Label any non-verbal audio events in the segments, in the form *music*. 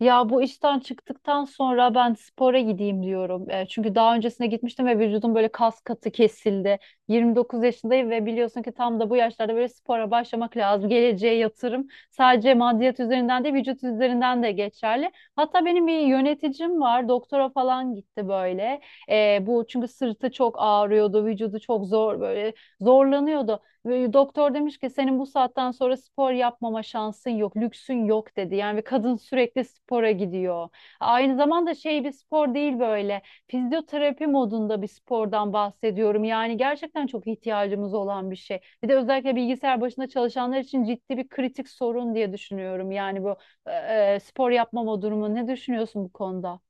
Ya bu işten çıktıktan sonra ben spora gideyim diyorum. Çünkü daha öncesine gitmiştim ve vücudum böyle kas katı kesildi. 29 yaşındayım ve biliyorsun ki tam da bu yaşlarda böyle spora başlamak lazım. Geleceğe yatırım sadece maddiyat üzerinden değil vücut üzerinden de geçerli. Hatta benim bir yöneticim var. Doktora falan gitti böyle. Bu çünkü sırtı çok ağrıyordu, vücudu çok zor böyle zorlanıyordu ve doktor demiş ki senin bu saatten sonra spor yapmama şansın yok, lüksün yok dedi. Yani ve kadın sürekli spora gidiyor. Aynı zamanda şey bir spor değil böyle. Fizyoterapi modunda bir spordan bahsediyorum. Yani gerçekten çok ihtiyacımız olan bir şey. Bir de özellikle bilgisayar başında çalışanlar için ciddi bir kritik sorun diye düşünüyorum. Yani bu e, spor yapmama durumu. Ne düşünüyorsun bu konuda?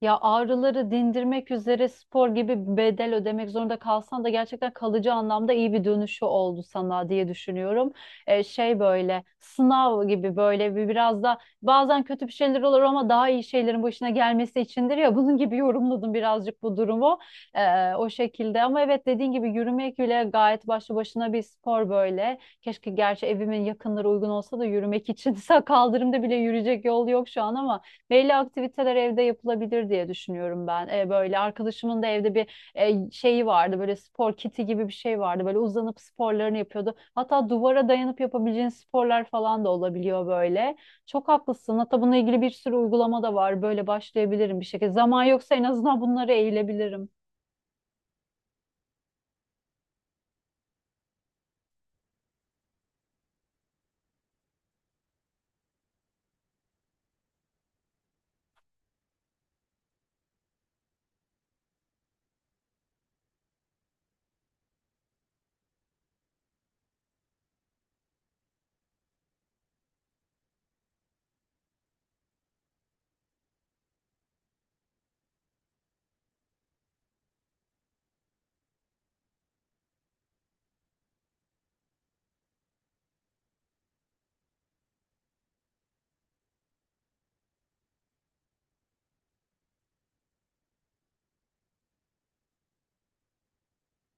Ya ağrıları dindirmek üzere spor gibi bir bedel ödemek zorunda kalsan da gerçekten kalıcı anlamda iyi bir dönüşü oldu sana diye düşünüyorum. Şey böyle sınav gibi böyle bir biraz da bazen kötü bir şeyler olur ama daha iyi şeylerin başına gelmesi içindir ya *laughs* bunun gibi yorumladım birazcık bu durumu. O şekilde. Ama evet dediğin gibi yürümek bile gayet başlı başına bir spor böyle. Keşke gerçi evimin yakınları uygun olsa da yürümek için *laughs* kaldırımda bile yürüyecek yol yok şu an ama belli aktiviteler evde yapılabilir diye düşünüyorum ben. Böyle arkadaşımın da evde bir şeyi vardı. Böyle spor kiti gibi bir şey vardı. Böyle uzanıp sporlarını yapıyordu. Hatta duvara dayanıp yapabileceğin sporlar falan da olabiliyor böyle. Çok haklısın. Hatta bununla ilgili bir sürü uygulama da var. Böyle başlayabilirim bir şekilde. Zaman yoksa en azından bunlara eğilebilirim.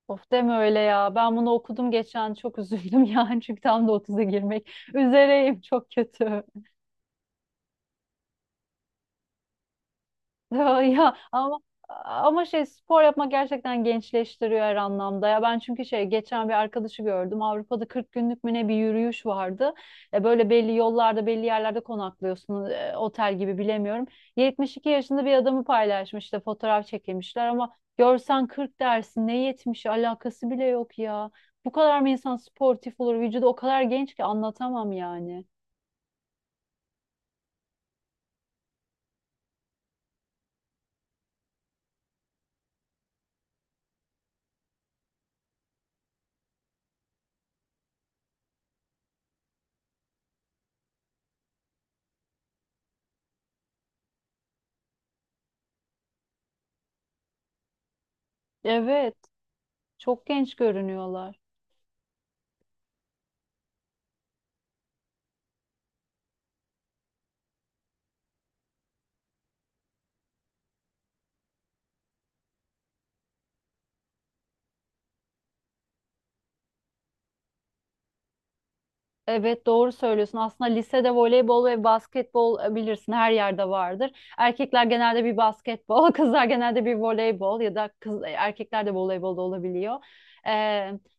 Of deme öyle ya. Ben bunu okudum geçen çok üzüldüm *laughs* yani çünkü tam da 30'a girmek üzereyim çok kötü. *laughs* Ya ya, ama şey spor yapmak gerçekten gençleştiriyor her anlamda. Ya ben çünkü şey geçen bir arkadaşı gördüm. Avrupa'da 40 günlük mü ne bir yürüyüş vardı. Böyle belli yollarda, belli yerlerde konaklıyorsun. Otel gibi bilemiyorum. 72 yaşında bir adamı paylaşmış işte fotoğraf çekilmişler ama görsen 40 dersin. Ne 70'i alakası bile yok ya. Bu kadar mı insan sportif olur? Vücudu o kadar genç ki anlatamam yani. Evet, çok genç görünüyorlar. Evet doğru söylüyorsun. Aslında lisede voleybol ve basketbol bilirsin her yerde vardır. Erkekler genelde bir basketbol, *laughs* kızlar genelde bir voleybol ya da kız erkekler de voleybolda olabiliyor. Ee,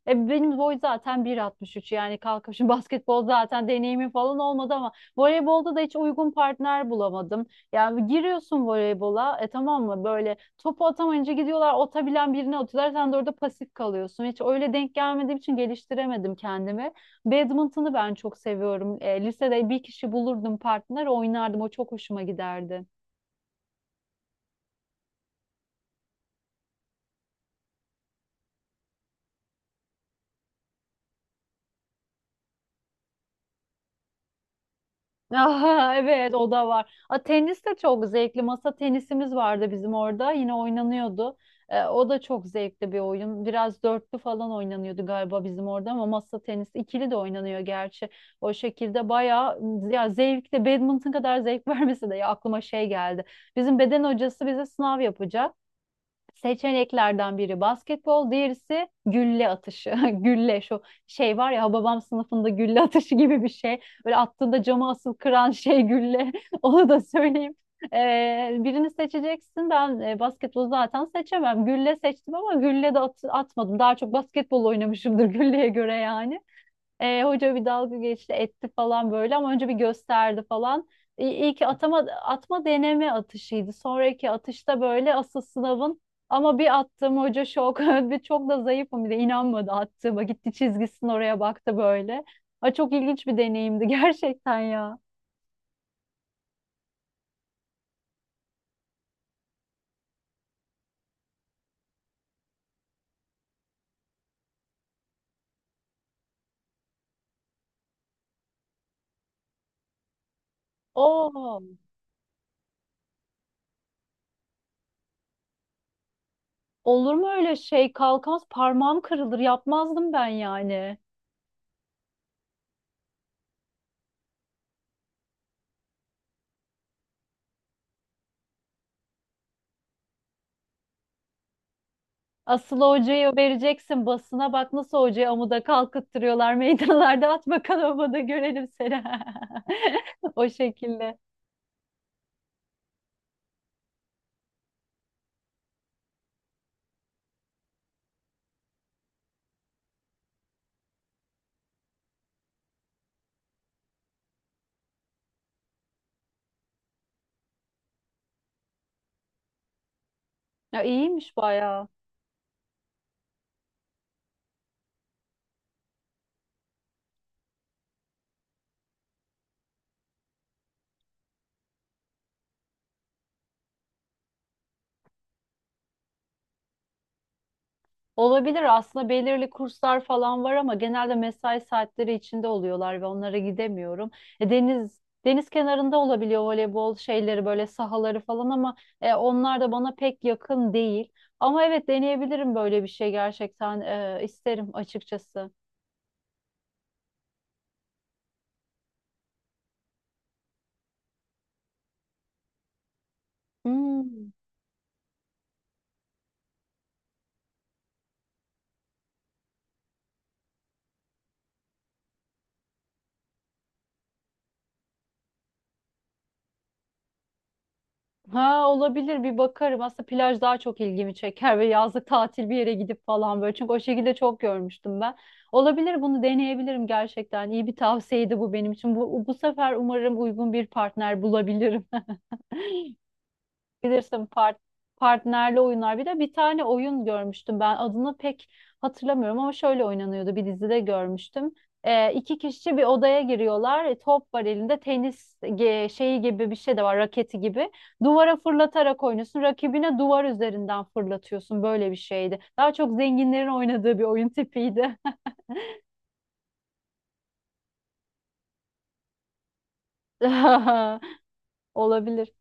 benim boy zaten 1.63 yani kalkıp şimdi *laughs* basketbol zaten deneyimim falan olmadı ama voleybolda da hiç uygun partner bulamadım. Yani giriyorsun voleybola tamam mı böyle topu atamayınca gidiyorlar atabilen birine atıyorlar sen de orada pasif kalıyorsun. Hiç öyle denk gelmediğim için geliştiremedim kendimi. Badminton'u ben çok seviyorum. Lisede bir kişi bulurdum partner oynardım. O çok hoşuma giderdi. *laughs* Aha, evet o da var. Tenis de çok zevkli. Masa tenisimiz vardı bizim orada. Yine oynanıyordu. O da çok zevkli bir oyun. Biraz dörtlü falan oynanıyordu galiba bizim orada ama masa tenisi ikili de oynanıyor gerçi. O şekilde bayağı ya zevkli. Badminton kadar zevk *laughs* vermesi de ya aklıma şey geldi. Bizim beden hocası bize sınav yapacak. Seçeneklerden biri basketbol, diğerisi gülle atışı. *laughs* Gülle şu şey var ya Hababam sınıfında gülle atışı gibi bir şey. Böyle attığında cama asıl kıran şey gülle. *laughs* Onu da söyleyeyim. Birini seçeceksin. Ben basketbolu zaten seçemem. Gülle seçtim ama gülle de atmadım. Daha çok basketbol oynamışımdır *laughs* gülleye göre yani. Hoca bir dalga geçti etti falan böyle ama önce bir gösterdi falan. İyi, ki atma deneme atışıydı. Sonraki atışta böyle asıl sınavın ama bir attım hoca şok. *laughs* Bir çok da zayıfım bir de inanmadı attığıma. Gitti çizgisinin oraya baktı böyle. Ay, çok ilginç bir deneyimdi *laughs* gerçekten ya. Oo, olur mu öyle şey? Kalkamaz parmağım kırılır. Yapmazdım ben yani. Asıl hocayı vereceksin basına bak nasıl hocayı amuda kalkıttırıyorlar *laughs* meydanlarda at bakalım amuda görelim seni. *laughs* O şekilde. Ya iyiymiş bayağı. Olabilir aslında belirli kurslar falan var ama genelde mesai saatleri içinde oluyorlar ve onlara gidemiyorum. Deniz kenarında olabiliyor voleybol şeyleri böyle sahaları falan ama onlar da bana pek yakın değil. Ama evet deneyebilirim böyle bir şey gerçekten isterim açıkçası. Hmm. Ha olabilir bir bakarım. Aslında plaj daha çok ilgimi çeker ve yazlık tatil bir yere gidip falan böyle. Çünkü o şekilde çok görmüştüm ben. Olabilir bunu deneyebilirim gerçekten. İyi bir tavsiyeydi bu benim için. Bu sefer umarım uygun bir partner bulabilirim. *laughs* Bilirsin partnerli oyunlar. Bir de bir tane oyun görmüştüm ben adını pek hatırlamıyorum ama şöyle oynanıyordu bir dizide görmüştüm. İki kişi bir odaya giriyorlar. Top var elinde tenis şeyi gibi bir şey de var raketi gibi. Duvara fırlatarak oynuyorsun. Rakibine duvar üzerinden fırlatıyorsun. Böyle bir şeydi. Daha çok zenginlerin oynadığı bir oyun tipiydi. *laughs* Olabilir.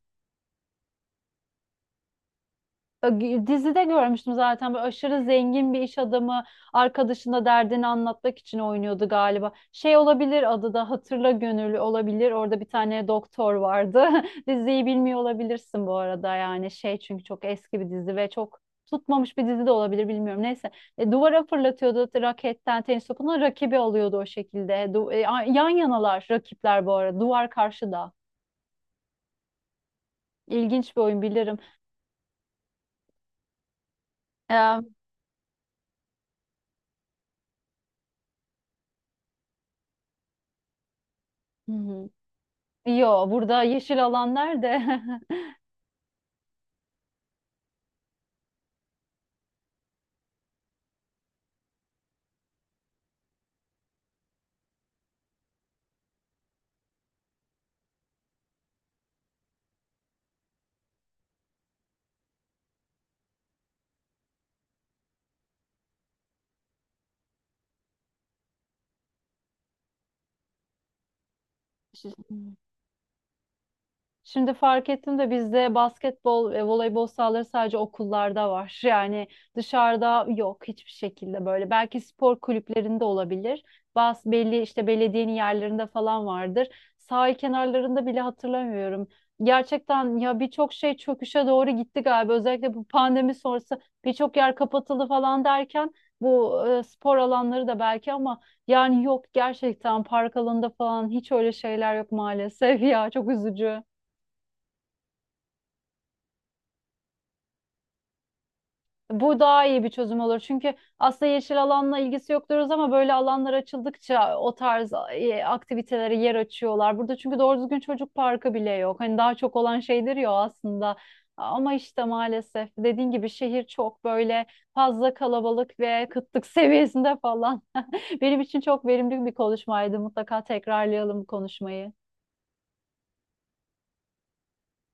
Dizide görmüştüm zaten böyle aşırı zengin bir iş adamı arkadaşına derdini anlatmak için oynuyordu galiba. Şey olabilir adı da Hatırla Gönüllü olabilir. Orada bir tane doktor vardı. *laughs* Diziyi bilmiyor olabilirsin bu arada yani şey çünkü çok eski bir dizi ve çok tutmamış bir dizi de olabilir bilmiyorum. Neyse. Duvara fırlatıyordu raketten tenis topunu rakibi alıyordu o şekilde. Yan yanalar rakipler bu arada duvar karşıda. İlginç bir oyun bilirim. Hı hı. Yo burada yeşil alan nerede? *laughs* Şimdi fark ettim de bizde basketbol ve voleybol sahaları sadece okullarda var. Yani dışarıda yok hiçbir şekilde böyle. Belki spor kulüplerinde olabilir. Bazı belli işte belediyenin yerlerinde falan vardır. Sahil kenarlarında bile hatırlamıyorum. Gerçekten ya birçok şey çöküşe doğru gitti galiba. Özellikle bu pandemi sonrası birçok yer kapatıldı falan derken bu spor alanları da belki ama yani yok gerçekten park alanında falan hiç öyle şeyler yok maalesef *laughs* ya çok üzücü. Bu daha iyi bir çözüm olur. Çünkü aslında yeşil alanla ilgisi yok diyoruz ama böyle alanlar açıldıkça o tarz aktivitelere yer açıyorlar. Burada çünkü doğru düzgün çocuk parkı bile yok. Hani daha çok olan şeydir ya o aslında. Ama işte maalesef dediğin gibi şehir çok böyle fazla kalabalık ve kıtlık seviyesinde falan. *laughs* Benim için çok verimli bir konuşmaydı. Mutlaka tekrarlayalım bu konuşmayı.